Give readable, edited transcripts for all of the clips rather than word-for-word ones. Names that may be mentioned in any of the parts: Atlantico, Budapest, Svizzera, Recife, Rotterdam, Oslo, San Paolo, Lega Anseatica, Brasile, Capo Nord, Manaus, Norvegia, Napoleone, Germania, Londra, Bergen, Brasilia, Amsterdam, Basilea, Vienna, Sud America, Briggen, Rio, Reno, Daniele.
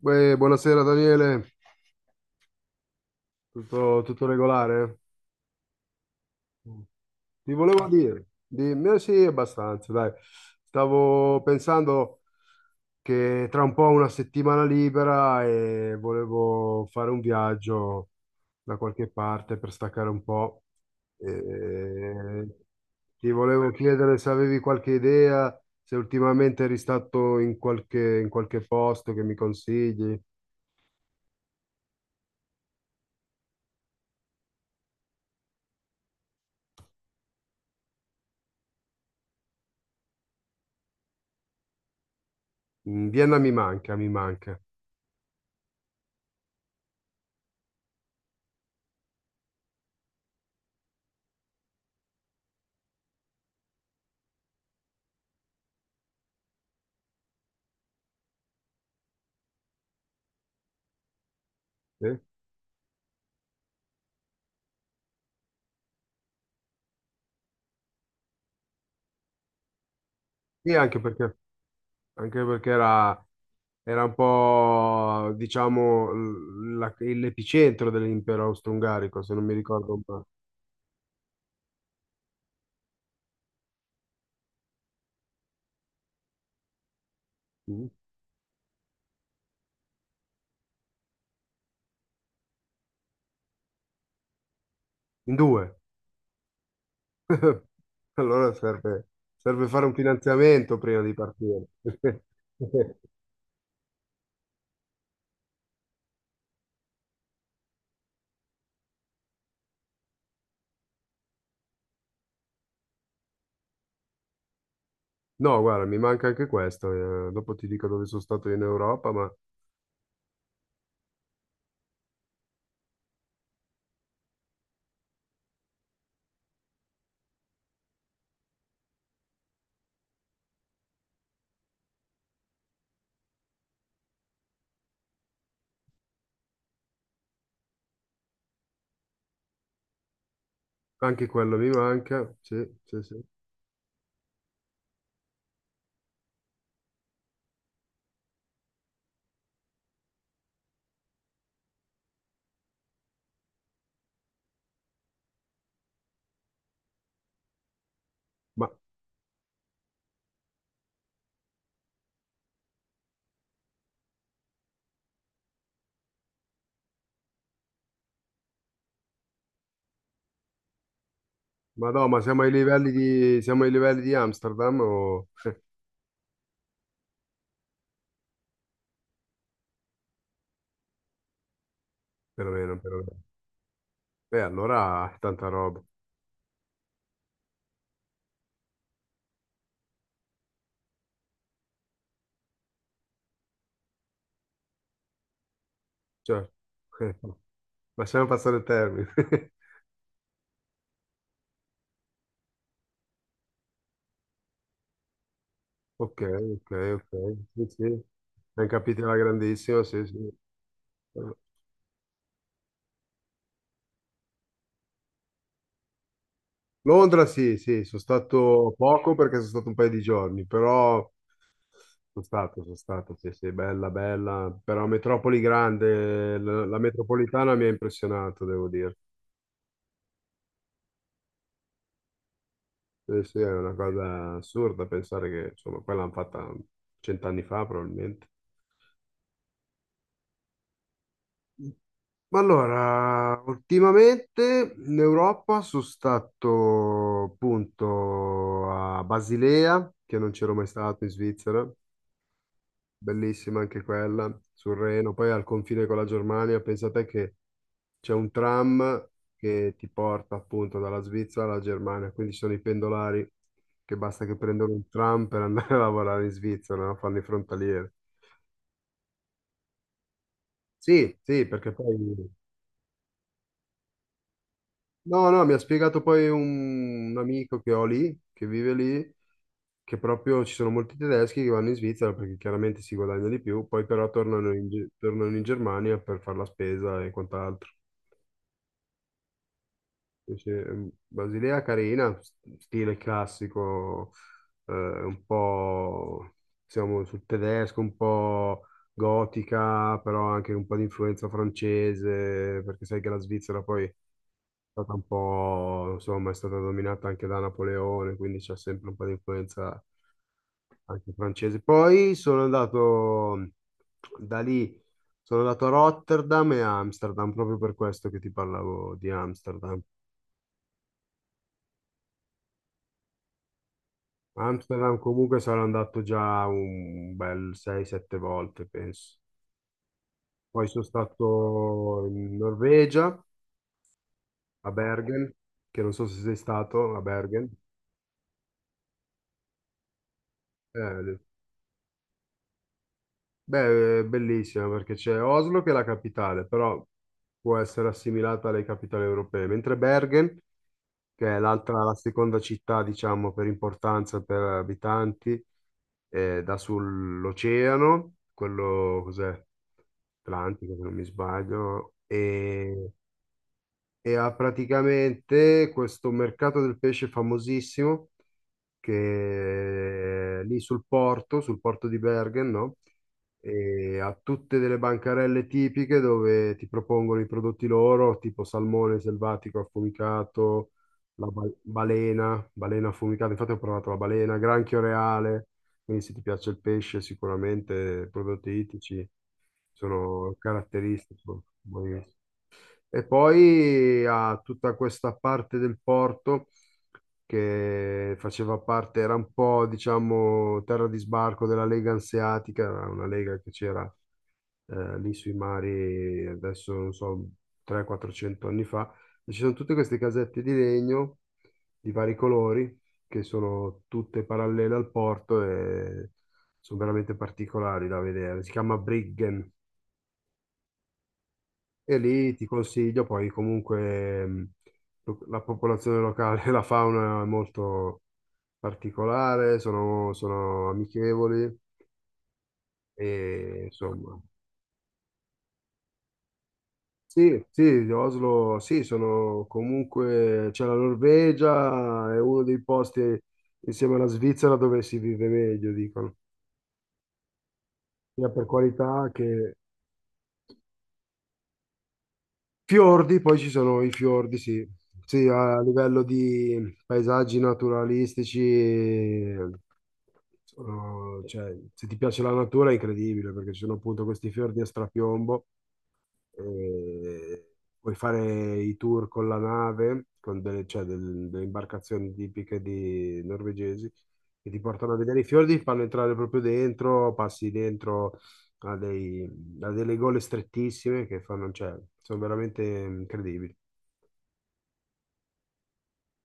Beh, buonasera Daniele, tutto regolare? Mm. Ti volevo dire, di me sì, abbastanza, dai. Stavo pensando che tra un po' una settimana libera e volevo fare un viaggio da qualche parte per staccare un po'. E ti volevo chiedere se avevi qualche idea, se ultimamente eri stato in qualche posto che mi consigli. Mm, Vienna mi manca, mi manca. Sì? Sì, anche perché era, era un po', diciamo, l'epicentro dell'impero austro-ungarico, se non mi ricordo male. Mm. In due. Eh, Allora serve, serve fare un finanziamento prima di partire. No, guarda, mi manca anche questo. Dopo ti dico dove sono stato in Europa, ma anche quello mi manca. Sì, sì, sì. Ma, ma no, ma siamo ai siamo ai livelli di Amsterdam o perlomeno, perlomeno. Allora, tanta roba. Certo. Lasciamo passare il termine. Ok, ok, ok. Sì, sì. Ben capito la grandissima, sì, sì. Londra, sì, sì, sono stato poco perché sono stato un paio di giorni, però sono stato, sì, sì, bella, bella. Però metropoli grande, la metropolitana mi ha impressionato, devo dire. Sì, sì, è una cosa assurda pensare che, insomma, poi l'hanno fatta cent'anni fa, probabilmente. Ma allora, ultimamente in Europa sono stato appunto a Basilea, che non c'ero mai stato in Svizzera, bellissima anche quella, sul Reno, poi al confine con la Germania, pensate che c'è un tram che ti porta appunto dalla Svizzera alla Germania, quindi ci sono i pendolari che basta che prendono un tram per andare a lavorare in Svizzera, no? Fanno i frontalieri. Sì, sì, perché poi no, no, mi ha spiegato poi un amico che ho lì, che vive lì, che proprio ci sono molti tedeschi che vanno in Svizzera perché chiaramente si guadagna di più, poi però tornano in, tornano in Germania per fare la spesa e quant'altro. Invece, Basilea carina, stile classico, un po' siamo sul tedesco, un po' gotica, però anche un po' di influenza francese, perché sai che la Svizzera poi stata un po', insomma, è stata dominata anche da Napoleone, quindi c'è sempre un po' di influenza anche francese. Poi sono andato da lì, sono andato a Rotterdam e a Amsterdam, proprio per questo che ti parlavo di Amsterdam. Amsterdam comunque sarò andato già un bel 6-7 volte, penso. Poi sono stato in Norvegia, a Bergen, che non so se sei stato a Bergen. Eh, Beh, è bellissima perché c'è Oslo che è la capitale, però può essere assimilata alle capitali europee, mentre Bergen, che è l'altra, la seconda città, diciamo, per importanza per abitanti, dà sull'oceano, quello cos'è? Atlantico, se non mi sbaglio, e ha praticamente questo mercato del pesce famosissimo che è lì sul porto di Bergen, no? E ha tutte delle bancarelle tipiche dove ti propongono i prodotti loro, tipo salmone selvatico affumicato, balena, balena affumicata, infatti ho provato la balena, granchio reale, quindi se ti piace il pesce sicuramente i prodotti ittici sono caratteristici. Buonissimi. E poi ha tutta questa parte del porto che faceva parte, era un po', diciamo, terra di sbarco della Lega Anseatica, era una lega che c'era lì sui mari, adesso non so, 300-400 anni fa. E ci sono tutte queste casette di legno di vari colori che sono tutte parallele al porto e sono veramente particolari da vedere. Si chiama Briggen. E lì ti consiglio, poi comunque la popolazione locale, la fauna è molto particolare, sono amichevoli e insomma. Sì, sì, Oslo, sì, sono comunque, c'è la Norvegia, è uno dei posti insieme alla Svizzera dove si vive meglio, dicono, sia per qualità che... Fiordi, poi ci sono i fiordi, sì. Sì, a livello di paesaggi naturalistici sono- cioè, se ti piace la natura è incredibile perché ci sono appunto questi fiordi a strapiombo e puoi fare i tour con la nave, con delle, cioè, delle imbarcazioni tipiche di norvegesi che ti portano a vedere i fiordi, ti fanno entrare proprio dentro, passi dentro a, dei- a delle gole strettissime che fanno, cioè, sono veramente incredibili.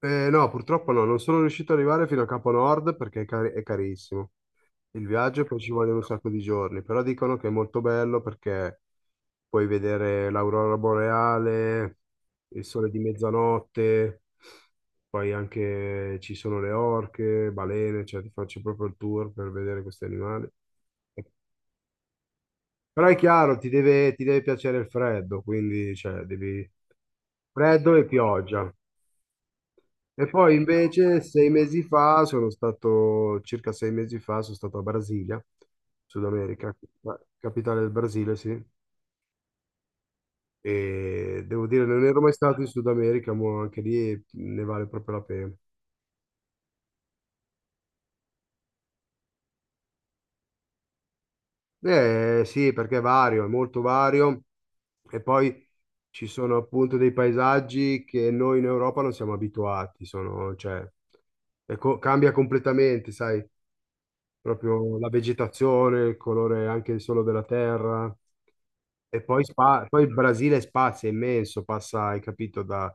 No, purtroppo no, non sono riuscito ad arrivare fino a Capo Nord perché è, è carissimo. Il viaggio poi ci vogliono un sacco di giorni, però dicono che è molto bello perché puoi vedere l'aurora boreale, il sole di mezzanotte, poi anche ci sono le orche, balene, cioè ti faccio proprio il tour per vedere questi animali. Però è chiaro, ti deve piacere il freddo, quindi cioè, devi... Freddo e pioggia. E poi invece sei mesi fa sono stato, circa sei mesi fa sono stato a Brasilia, Sud America, la capitale del Brasile, sì. E devo dire, non ero mai stato in Sud America, ma anche lì ne vale proprio la pena. Eh sì, perché è vario, è molto vario. E poi ci sono appunto dei paesaggi che noi in Europa non siamo abituati, sono, cioè, cambia completamente, sai? Proprio la vegetazione, il colore anche solo della terra. E poi, poi il Brasile è spazio, è immenso, passa, hai capito,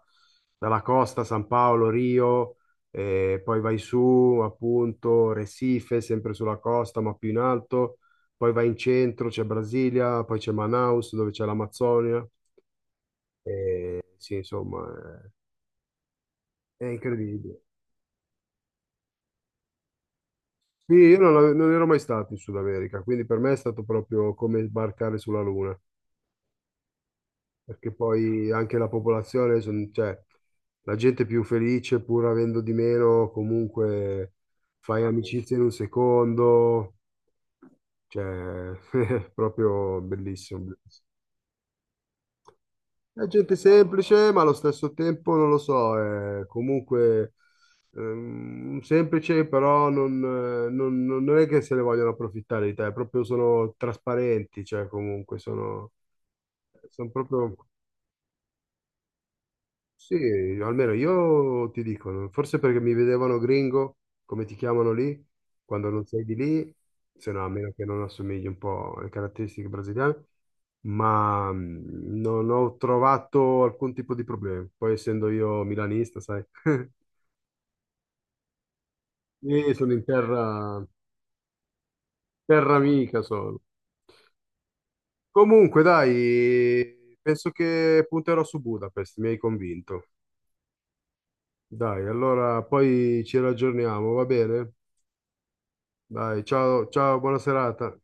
dalla costa, San Paolo, Rio, e poi vai su, appunto, Recife, sempre sulla costa, ma più in alto, poi vai in centro, c'è Brasilia, poi c'è Manaus, dove c'è l'Amazzonia, e sì, insomma, è incredibile. Sì, io non, ave- non ero mai stato in Sud America, quindi per me è stato proprio come sbarcare sulla Luna. Perché poi anche la popolazione, cioè, la gente è più felice pur avendo di meno, comunque fai amicizia in un secondo, cioè, è proprio bellissimo, bellissimo. È gente semplice, ma allo stesso tempo, non lo so, è comunque semplice, però non, non è che se ne vogliono approfittare di te, proprio sono trasparenti, cioè comunque sono, sono proprio... Sì, almeno io ti dico, no, forse perché mi vedevano gringo, come ti chiamano lì, quando non sei di lì, se no a meno che non assomigli un po' alle caratteristiche brasiliane, ma non ho trovato alcun tipo di problema. Poi essendo io milanista, sai, lì sono in terra, terra amica solo. Comunque, dai, penso che punterò su Budapest, mi hai convinto. Dai, allora poi ci raggiorniamo, va bene? Dai, ciao, ciao, buona serata.